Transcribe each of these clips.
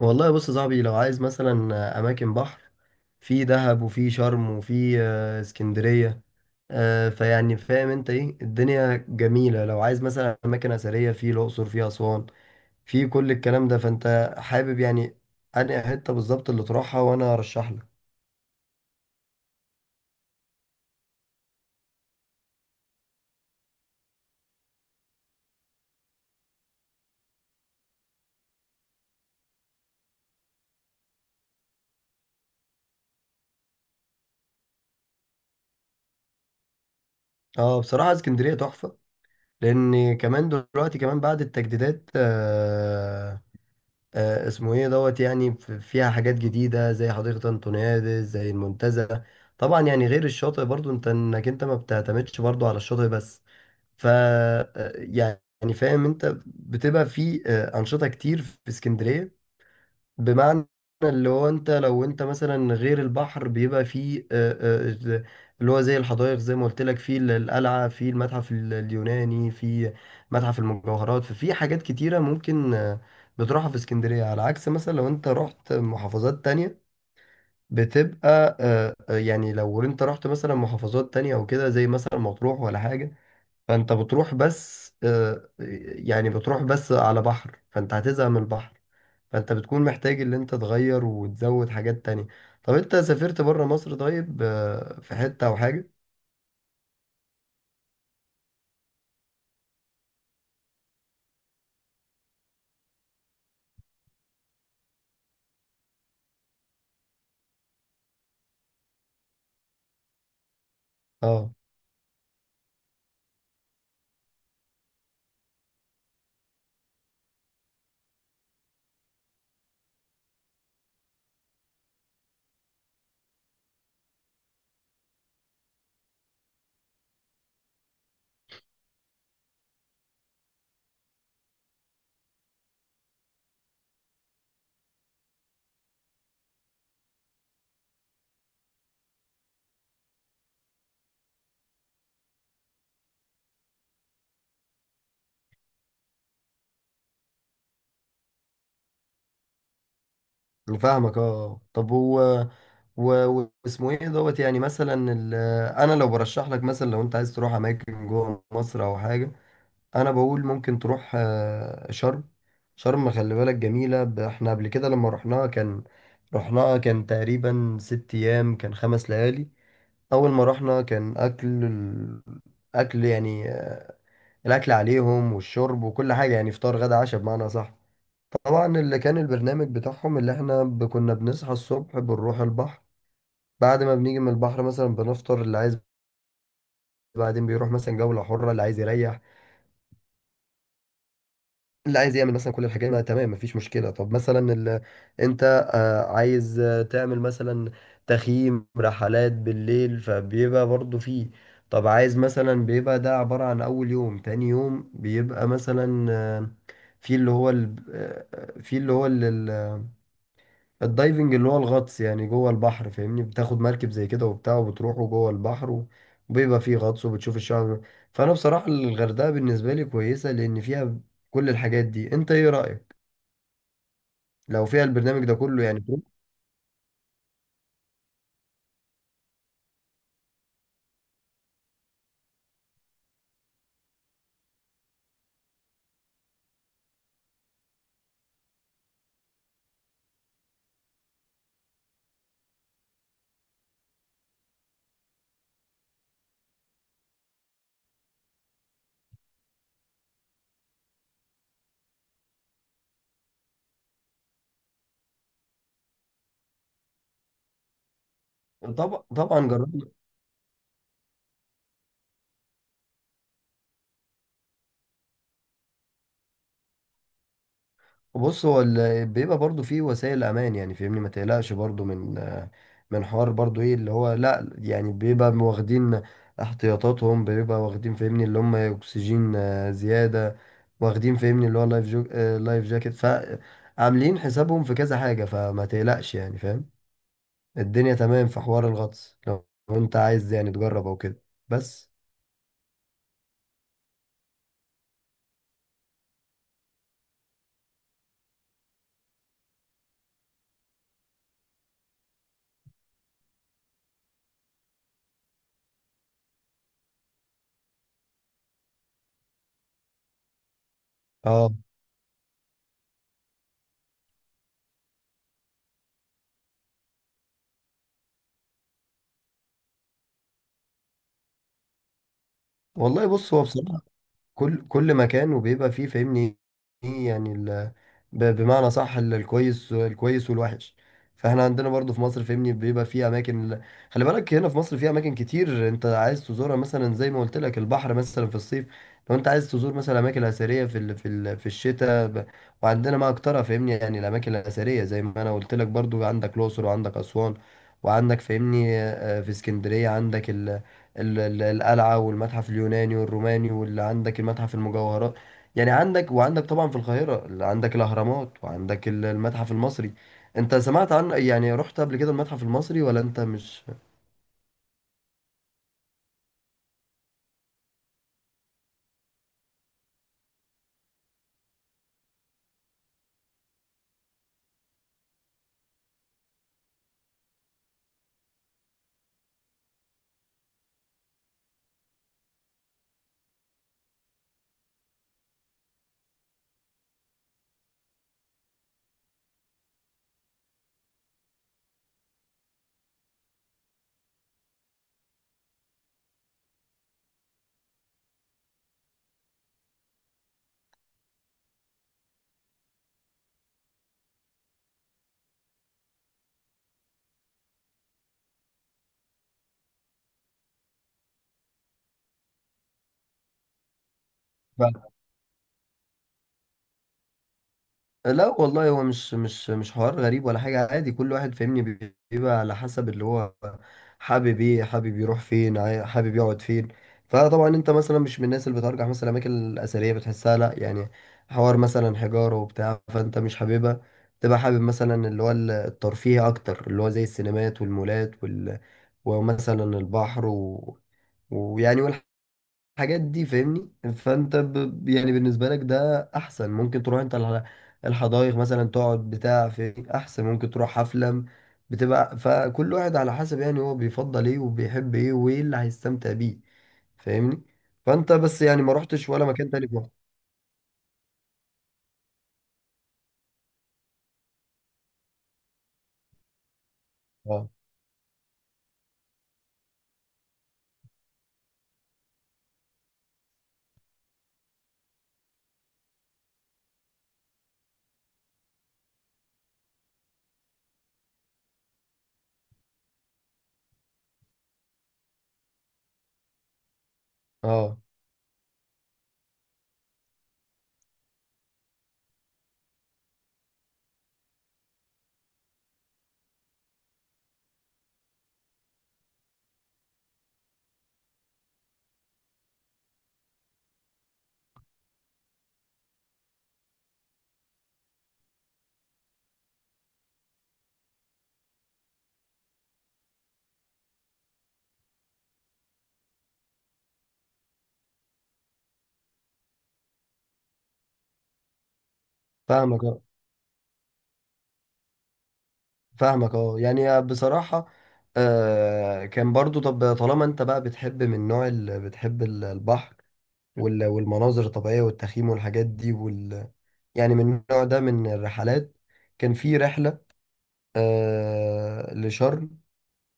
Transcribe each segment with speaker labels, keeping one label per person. Speaker 1: والله بص يا صاحبي، لو عايز مثلا اماكن بحر، في دهب وفي شرم وفي اسكندريه. فيعني فاهم انت ايه، الدنيا جميله. لو عايز مثلا اماكن اثريه، في الاقصر في اسوان في كل الكلام ده، فانت حابب يعني انهي حته بالظبط اللي تروحها وانا ارشح لك. اه، بصراحه اسكندريه تحفه، لان كمان دلوقتي كمان بعد التجديدات. اسمه ايه دوت، يعني فيها حاجات جديدة زي حديقة انطونيادس زي المنتزه. طبعا يعني غير الشاطئ، برضو انت انت ما بتعتمدش برضو على الشاطئ بس. ف يعني فاهم انت بتبقى في انشطة كتير في اسكندرية. بمعنى اللي هو انت لو مثلا غير البحر بيبقى فيه آه، اللي هو زي الحدائق، زي ما قلت لك فيه القلعة، فيه المتحف اليوناني، فيه متحف المجوهرات. ففي حاجات كتيرة ممكن بتروحها في اسكندرية، على عكس مثلا لو انت رحت محافظات تانية. بتبقى يعني لو انت رحت مثلا محافظات تانية او كده زي مثلا مطروح ولا حاجة، فانت بتروح بس يعني بتروح بس على بحر، فانت هتزهق من البحر. فانت بتكون محتاج اللي انت تغير وتزود حاجات تانية. طب انت سافرت بره مصر طيب في حتة او حاجة؟ اه، أنا فاهمك، اه طب هو واسمه ايه دوت، يعني مثلا انا لو برشح لك مثلا، لو انت عايز تروح اماكن جوه مصر او حاجة، انا بقول ممكن تروح شرم. شرم خلي بالك جميلة، احنا قبل كده لما رحناها، كان رحناها كان تقريبا 6 ايام، كان 5 ليالي. اول ما رحنا، كان اكل اكل، يعني الاكل عليهم والشرب وكل حاجة، يعني فطار غدا عشاء بمعنى صح. طبعا اللي كان البرنامج بتاعهم اللي احنا كنا بنصحى الصبح بنروح البحر، بعد ما بنيجي من البحر مثلا بنفطر اللي عايز، بعدين بيروح مثلا جولة حرة، اللي عايز يريح، اللي عايز يعمل مثلا كل الحاجات دي، تمام مفيش مشكلة. طب مثلا ال... انت عايز تعمل مثلا تخييم، رحلات بالليل، فبيبقى برضو فيه. طب عايز مثلا، بيبقى ده عبارة عن أول يوم، تاني يوم بيبقى مثلا في اللي هو ال... في اللي هو ال... الدايفنج، اللي هو الغطس يعني جوه البحر، فاهمني، بتاخد مركب زي كده وبتاع وبتروحوا جوه البحر، وبيبقى فيه غطس وبتشوف الشعب. فانا بصراحة الغردقة بالنسبة لي كويسة لان فيها كل الحاجات دي. انت ايه رأيك لو فيها البرنامج ده كله، يعني تروح؟ طبعا طبعا جربت. بص هو بيبقى برضو فيه وسائل امان، يعني فاهمني ما تقلقش برضو من حوار، برضو ايه اللي هو، لا يعني بيبقى واخدين احتياطاتهم، بيبقى واخدين فاهمني اللي هم اكسجين زيادة، واخدين فاهمني اللي هو لايف جو آه، لايف جاكيت. فعاملين حسابهم في كذا حاجة، فما تقلقش يعني، فاهم، الدنيا تمام في حوار الغطس، لو انت عايز يعني تجرب او كده بس. اه، والله بص هو بصراحة كل مكان وبيبقى فيه فاهمني ايه يعني ال... بمعنى صح الكويس والوحش. فاحنا عندنا برضو في مصر فاهمني بيبقى فيه اماكن ال... خلي بالك هنا في مصر فيه اماكن كتير انت عايز تزورها، مثلا زي ما قلت لك البحر مثلا في الصيف. لو انت عايز تزور مثلا اماكن اثريه، في ال... في ال... في الشتاء ب... وعندنا ما اكترها فاهمني، يعني الاماكن الاثريه زي ما انا قلت لك برضو، عندك الاقصر وعندك اسوان، وعندك فاهمني في اسكندريه عندك القلعة والمتحف اليوناني والروماني، واللي عندك المتحف المجوهرات، يعني عندك، وعندك طبعا في القاهرة اللي عندك الأهرامات، وعندك المتحف المصري. انت سمعت عن، يعني رحت قبل كده المتحف المصري ولا انت مش؟ لا والله، هو مش حوار غريب ولا حاجة، عادي، كل واحد فاهمني بيبقى على حسب اللي هو حابب ايه، حابب يروح فين، حابب يقعد فين. فطبعا انت مثلا مش من الناس اللي بترجع مثلا الاماكن الاثرية، بتحسها لا يعني حوار مثلا حجارة وبتاع، فانت مش حاببها. تبقى حابب مثلا اللي هو الترفيه اكتر، اللي هو زي السينمات والمولات وال... ومثلا البحر و... ويعني الحاجات دي فاهمني، فانت ب... يعني بالنسبه لك ده احسن، ممكن تروح انت الحدائق مثلا، تقعد بتاع، في احسن، ممكن تروح حفله، بتبقى. فكل واحد على حسب، يعني هو بيفضل ايه وبيحب ايه وايه اللي هيستمتع بيه فاهمني. فانت بس يعني ما رحتش ولا مكان تاني في مصر؟ اه، اه، فاهمك، اه فاهمك، اه يعني بصراحه كان برضو، طب طالما انت بقى بتحب من النوع اللي بتحب البحر والمناظر الطبيعية والتخييم والحاجات دي وال... يعني من النوع ده من الرحلات. كان في رحلة لشرم،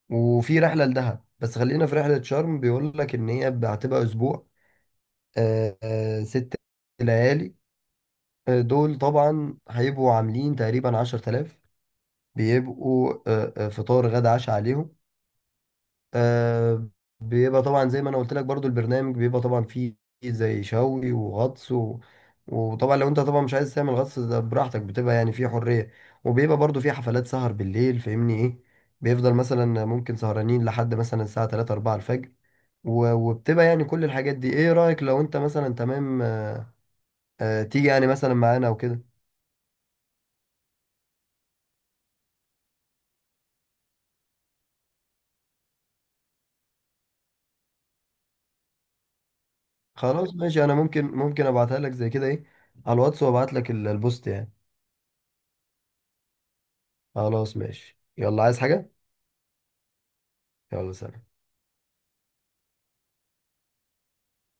Speaker 1: وفي رحلة لدهب، بس خلينا في رحلة شرم، بيقول لك إن هي هتبقى أسبوع، ست ليالي، دول طبعا هيبقوا عاملين تقريبا 10 تلاف، بيبقوا فطار غدا عشاء عليهم. آه. بيبقى طبعا زي ما انا قلت لك برضو البرنامج بيبقى طبعا فيه زي شوي وغطس و... وطبعا لو انت طبعا مش عايز تعمل غطس، ده براحتك، بتبقى يعني فيه حرية. وبيبقى برضو فيه حفلات سهر بالليل فاهمني ايه، بيفضل مثلا ممكن سهرانين لحد مثلا الساعة 3 4 الفجر و... وبتبقى يعني كل الحاجات دي. ايه رأيك، لو انت مثلا تمام تيجي يعني مثلا معانا او كده؟ خلاص ماشي، انا ممكن ابعتها لك زي كده، ايه، على الواتس، وابعت لك البوست يعني. خلاص ماشي، يلا، عايز حاجة؟ يلا سلام.